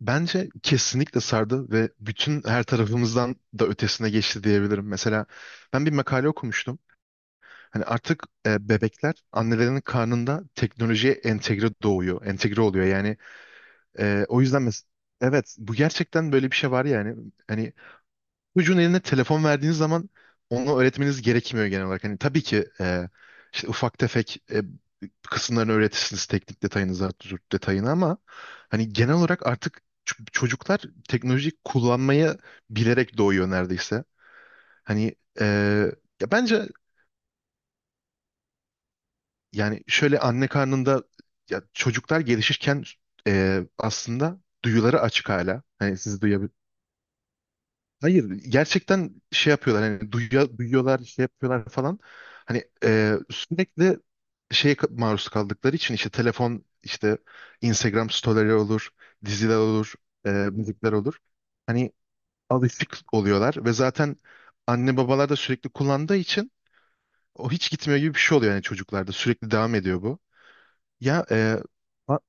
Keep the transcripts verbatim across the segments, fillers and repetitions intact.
Bence kesinlikle sardı ve bütün her tarafımızdan da ötesine geçti diyebilirim. Mesela ben bir makale okumuştum. Hani artık e, bebekler annelerinin karnında teknolojiye entegre doğuyor, entegre oluyor. Yani e, o yüzden mes- evet, bu gerçekten böyle bir şey var yani. Hani çocuğun eline telefon verdiğiniz zaman onu öğretmeniz gerekmiyor genel olarak. Hani tabii ki e, işte ufak tefek e, kısımlarını öğretirsiniz, teknik detayını, zaten detayını, ama hani genel olarak artık ç- çocuklar teknolojiyi kullanmayı bilerek doğuyor neredeyse. Hani e, ya bence, yani şöyle, anne karnında ya çocuklar gelişirken e, aslında duyuları açık hala. Hani siz duya, Hayır, gerçekten şey yapıyorlar, hani duyuyor, duyuyorlar, şey yapıyorlar falan. Hani e, sürekli şeye ka- maruz kaldıkları için, işte telefon, işte Instagram storyleri olur, diziler olur, e, müzikler olur. Hani alışık oluyorlar ve zaten anne babalar da sürekli kullandığı için o hiç gitmiyor gibi bir şey oluyor, yani çocuklarda sürekli devam ediyor bu. Ya, e, a-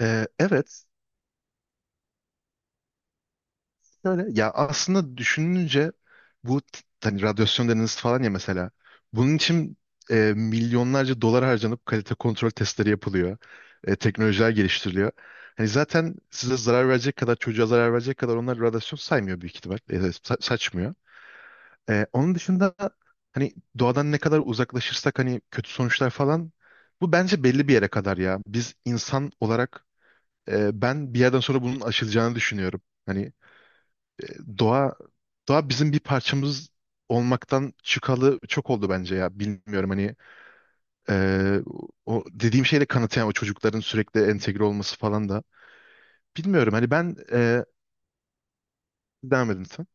e, evet. Şöyle, ya aslında düşününce bu t- hani radyasyon deniz falan, ya mesela bunun için e, milyonlarca dolar harcanıp kalite kontrol testleri yapılıyor. E, teknolojiler geliştiriliyor. Hani zaten size zarar verecek kadar, çocuğa zarar verecek kadar onlar radyasyon saymıyor büyük ihtimal. E, sa- saçmıyor. E, onun dışında, hani doğadan ne kadar uzaklaşırsak hani kötü sonuçlar falan, bu bence belli bir yere kadar ya. Biz insan olarak e, ben bir yerden sonra bunun aşılacağını düşünüyorum. Hani e, doğa doğa bizim bir parçamız olmaktan çıkalı çok oldu bence, ya bilmiyorum, hani e, o dediğim şeyle kanıtlayan o çocukların sürekli entegre olması falan da bilmiyorum, hani ben e, devam edin sen.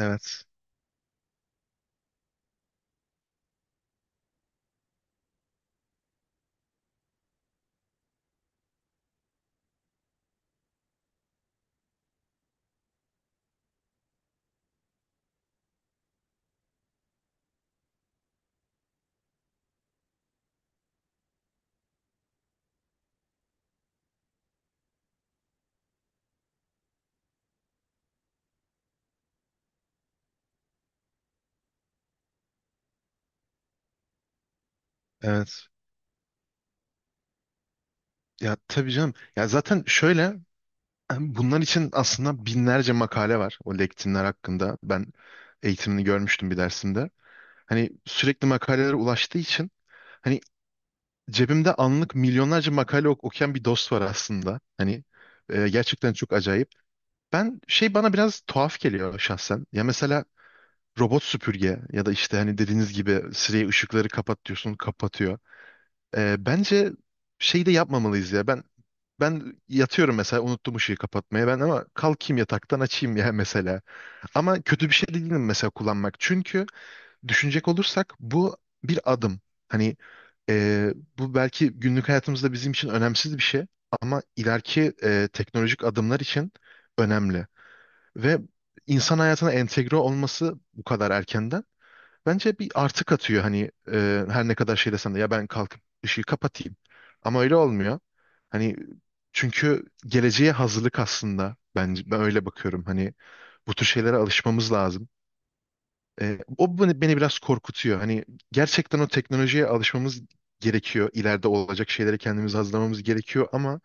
Evet. Evet. Ya tabii canım. Ya zaten şöyle, bunlar için aslında binlerce makale var o lektinler hakkında. Ben eğitimini görmüştüm bir dersimde. Hani sürekli makalelere ulaştığı için, hani cebimde anlık milyonlarca makale ok- okuyan bir dost var aslında. Hani e, gerçekten çok acayip. Ben şey, bana biraz tuhaf geliyor şahsen. Ya mesela robot süpürge ya da işte hani dediğiniz gibi Siri'ye ışıkları kapat diyorsun, kapatıyor. E, bence şey de yapmamalıyız ya. Ben ben yatıyorum mesela, unuttum ışığı kapatmaya, ben ama kalkayım yataktan açayım ya mesela. Ama kötü bir şey de değilim mesela kullanmak. Çünkü düşünecek olursak bu bir adım. Hani e, bu belki günlük hayatımızda bizim için önemsiz bir şey ama ileriki e, teknolojik adımlar için önemli. Ve insan hayatına entegre olması bu kadar erkenden bence bir artı katıyor. Hani e, her ne kadar şey desen de, ya ben kalkıp ışığı kapatayım, ama öyle olmuyor. Hani, çünkü geleceğe hazırlık aslında, bence ben öyle bakıyorum. Hani bu tür şeylere alışmamız lazım. E, o beni beni biraz korkutuyor. Hani gerçekten o teknolojiye alışmamız gerekiyor. İleride olacak şeyleri kendimiz hazırlamamız gerekiyor ama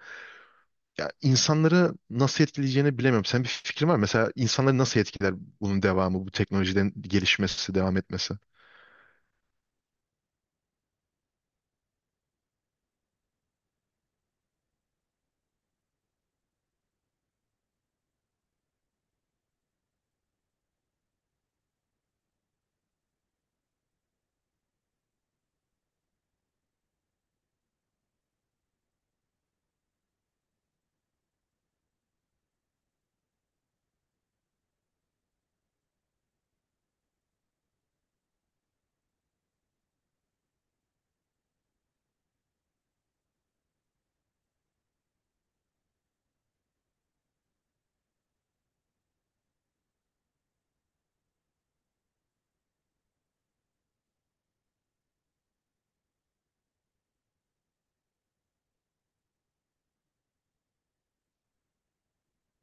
ya insanları nasıl etkileyeceğini bilemiyorum. Sen, bir fikrin var mı? Mesela insanları nasıl etkiler bunun devamı, bu teknolojiden gelişmesi, devam etmesi?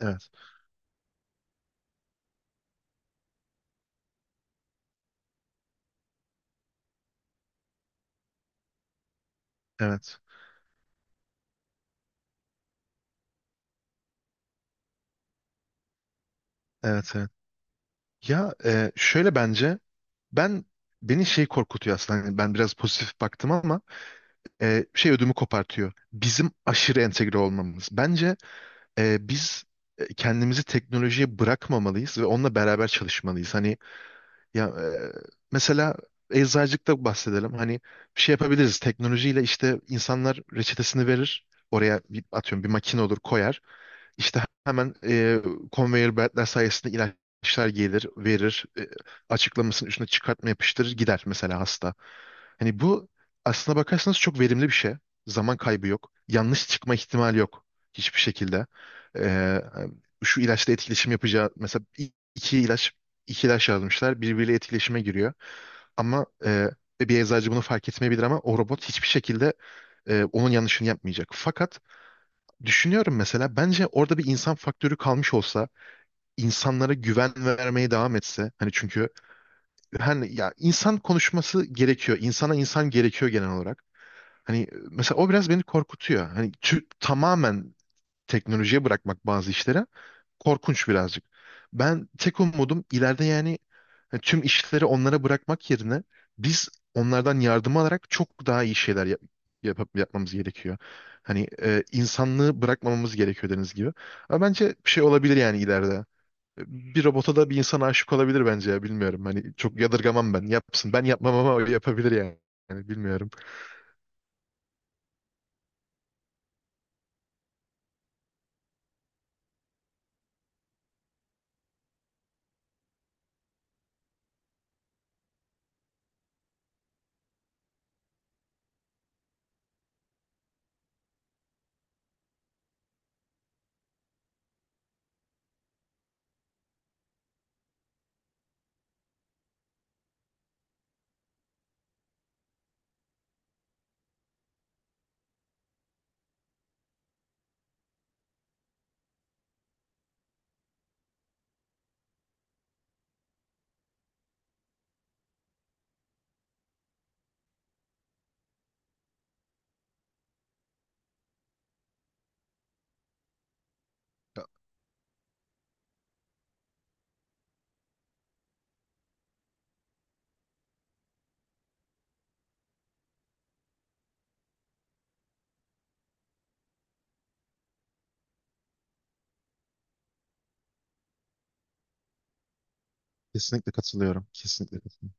Evet, evet, evet, evet. Ya, e, şöyle, bence ben, beni şey korkutuyor aslında. Hani ben biraz pozitif baktım ama e, şey, ödümü kopartıyor. Bizim aşırı entegre olmamız. Bence e, biz e, kendimizi teknolojiye bırakmamalıyız ve onunla beraber çalışmalıyız. Hani, ya e, mesela eczacılıkta bahsedelim. Hani bir şey yapabiliriz. Teknolojiyle işte, insanlar reçetesini verir. Oraya bir, atıyorum, bir makine olur, koyar. İşte hemen e, conveyor beltler sayesinde ilaçlar gelir, verir, e, açıklamasının üstüne çıkartma yapıştırır, gider mesela hasta. Hani bu, aslına bakarsanız, çok verimli bir şey. Zaman kaybı yok. Yanlış çıkma ihtimali yok hiçbir şekilde. E, Şu ilaçla etkileşim yapacağı, mesela i- iki ilaç iki ilaç yazmışlar, birbiriyle etkileşime giriyor. Ama e, bir eczacı bunu fark etmeyebilir ama o robot hiçbir şekilde e, onun yanlışını yapmayacak. Fakat düşünüyorum mesela, bence orada bir insan faktörü kalmış olsa, insanlara güven vermeye devam etse, hani çünkü, hani ya, insan konuşması gerekiyor, insana insan gerekiyor genel olarak, hani mesela o biraz beni korkutuyor, hani tü- tamamen teknolojiye bırakmak bazı işlere korkunç birazcık. Ben, tek umudum ileride, yani e, tüm işleri onlara bırakmak yerine biz onlardan yardım alarak çok daha iyi şeyler yap yapıp- yapmamız gerekiyor. Hani e, insanlığı bırakmamamız gerekiyor, dediğiniz gibi. Ama bence bir şey olabilir yani ileride. E, Bir robota da bir insan aşık olabilir bence, ya bilmiyorum. Hani çok yadırgamam ben. Yapsın. Ben yapmam ama o yapabilir yani. Yani bilmiyorum. Kesinlikle katılıyorum. Kesinlikle katılıyorum.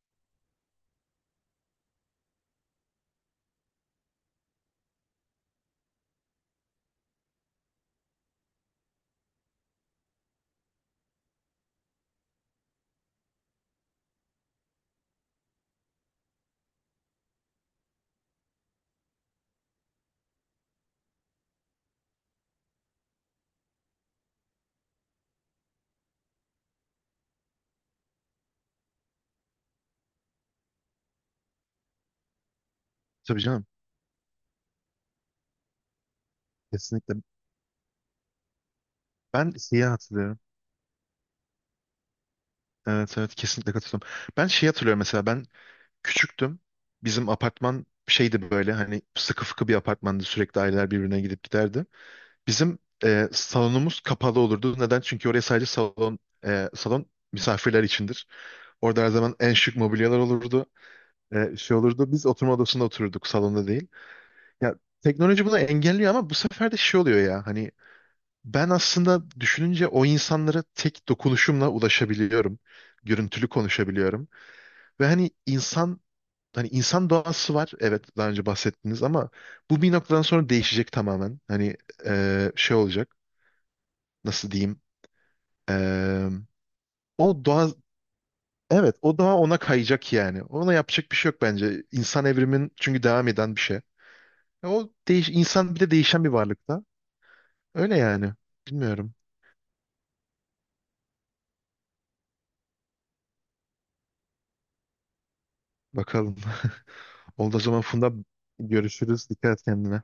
Tabii canım. Kesinlikle. Ben şeyi hatırlıyorum. Evet, evet, kesinlikle katılıyorum. Ben şey hatırlıyorum, mesela ben küçüktüm. Bizim apartman şeydi böyle, hani sıkı fıkı bir apartmandı, sürekli aileler birbirine gidip giderdi. Bizim e, salonumuz kapalı olurdu. Neden? Çünkü oraya sadece salon, e, salon misafirler içindir. Orada her zaman en şık mobilyalar olurdu. E, şey olurdu. Biz oturma odasında otururduk, salonda değil. Ya, teknoloji bunu engelliyor ama bu sefer de şey oluyor ya, hani ben aslında düşününce o insanlara tek dokunuşumla ulaşabiliyorum. Görüntülü konuşabiliyorum. Ve hani insan hani insan doğası var. Evet, daha önce bahsettiniz ama bu bir noktadan sonra değişecek tamamen. Hani e, şey olacak. Nasıl diyeyim? E, o doğa evet o doğa ona kayacak yani. Ona yapacak bir şey yok bence. İnsan evrimin çünkü devam eden bir şey. O değiş insan bir de değişen bir varlıkta. Öyle yani. Bilmiyorum. Bakalım. Oldu o zaman Funda, görüşürüz. Dikkat et kendine.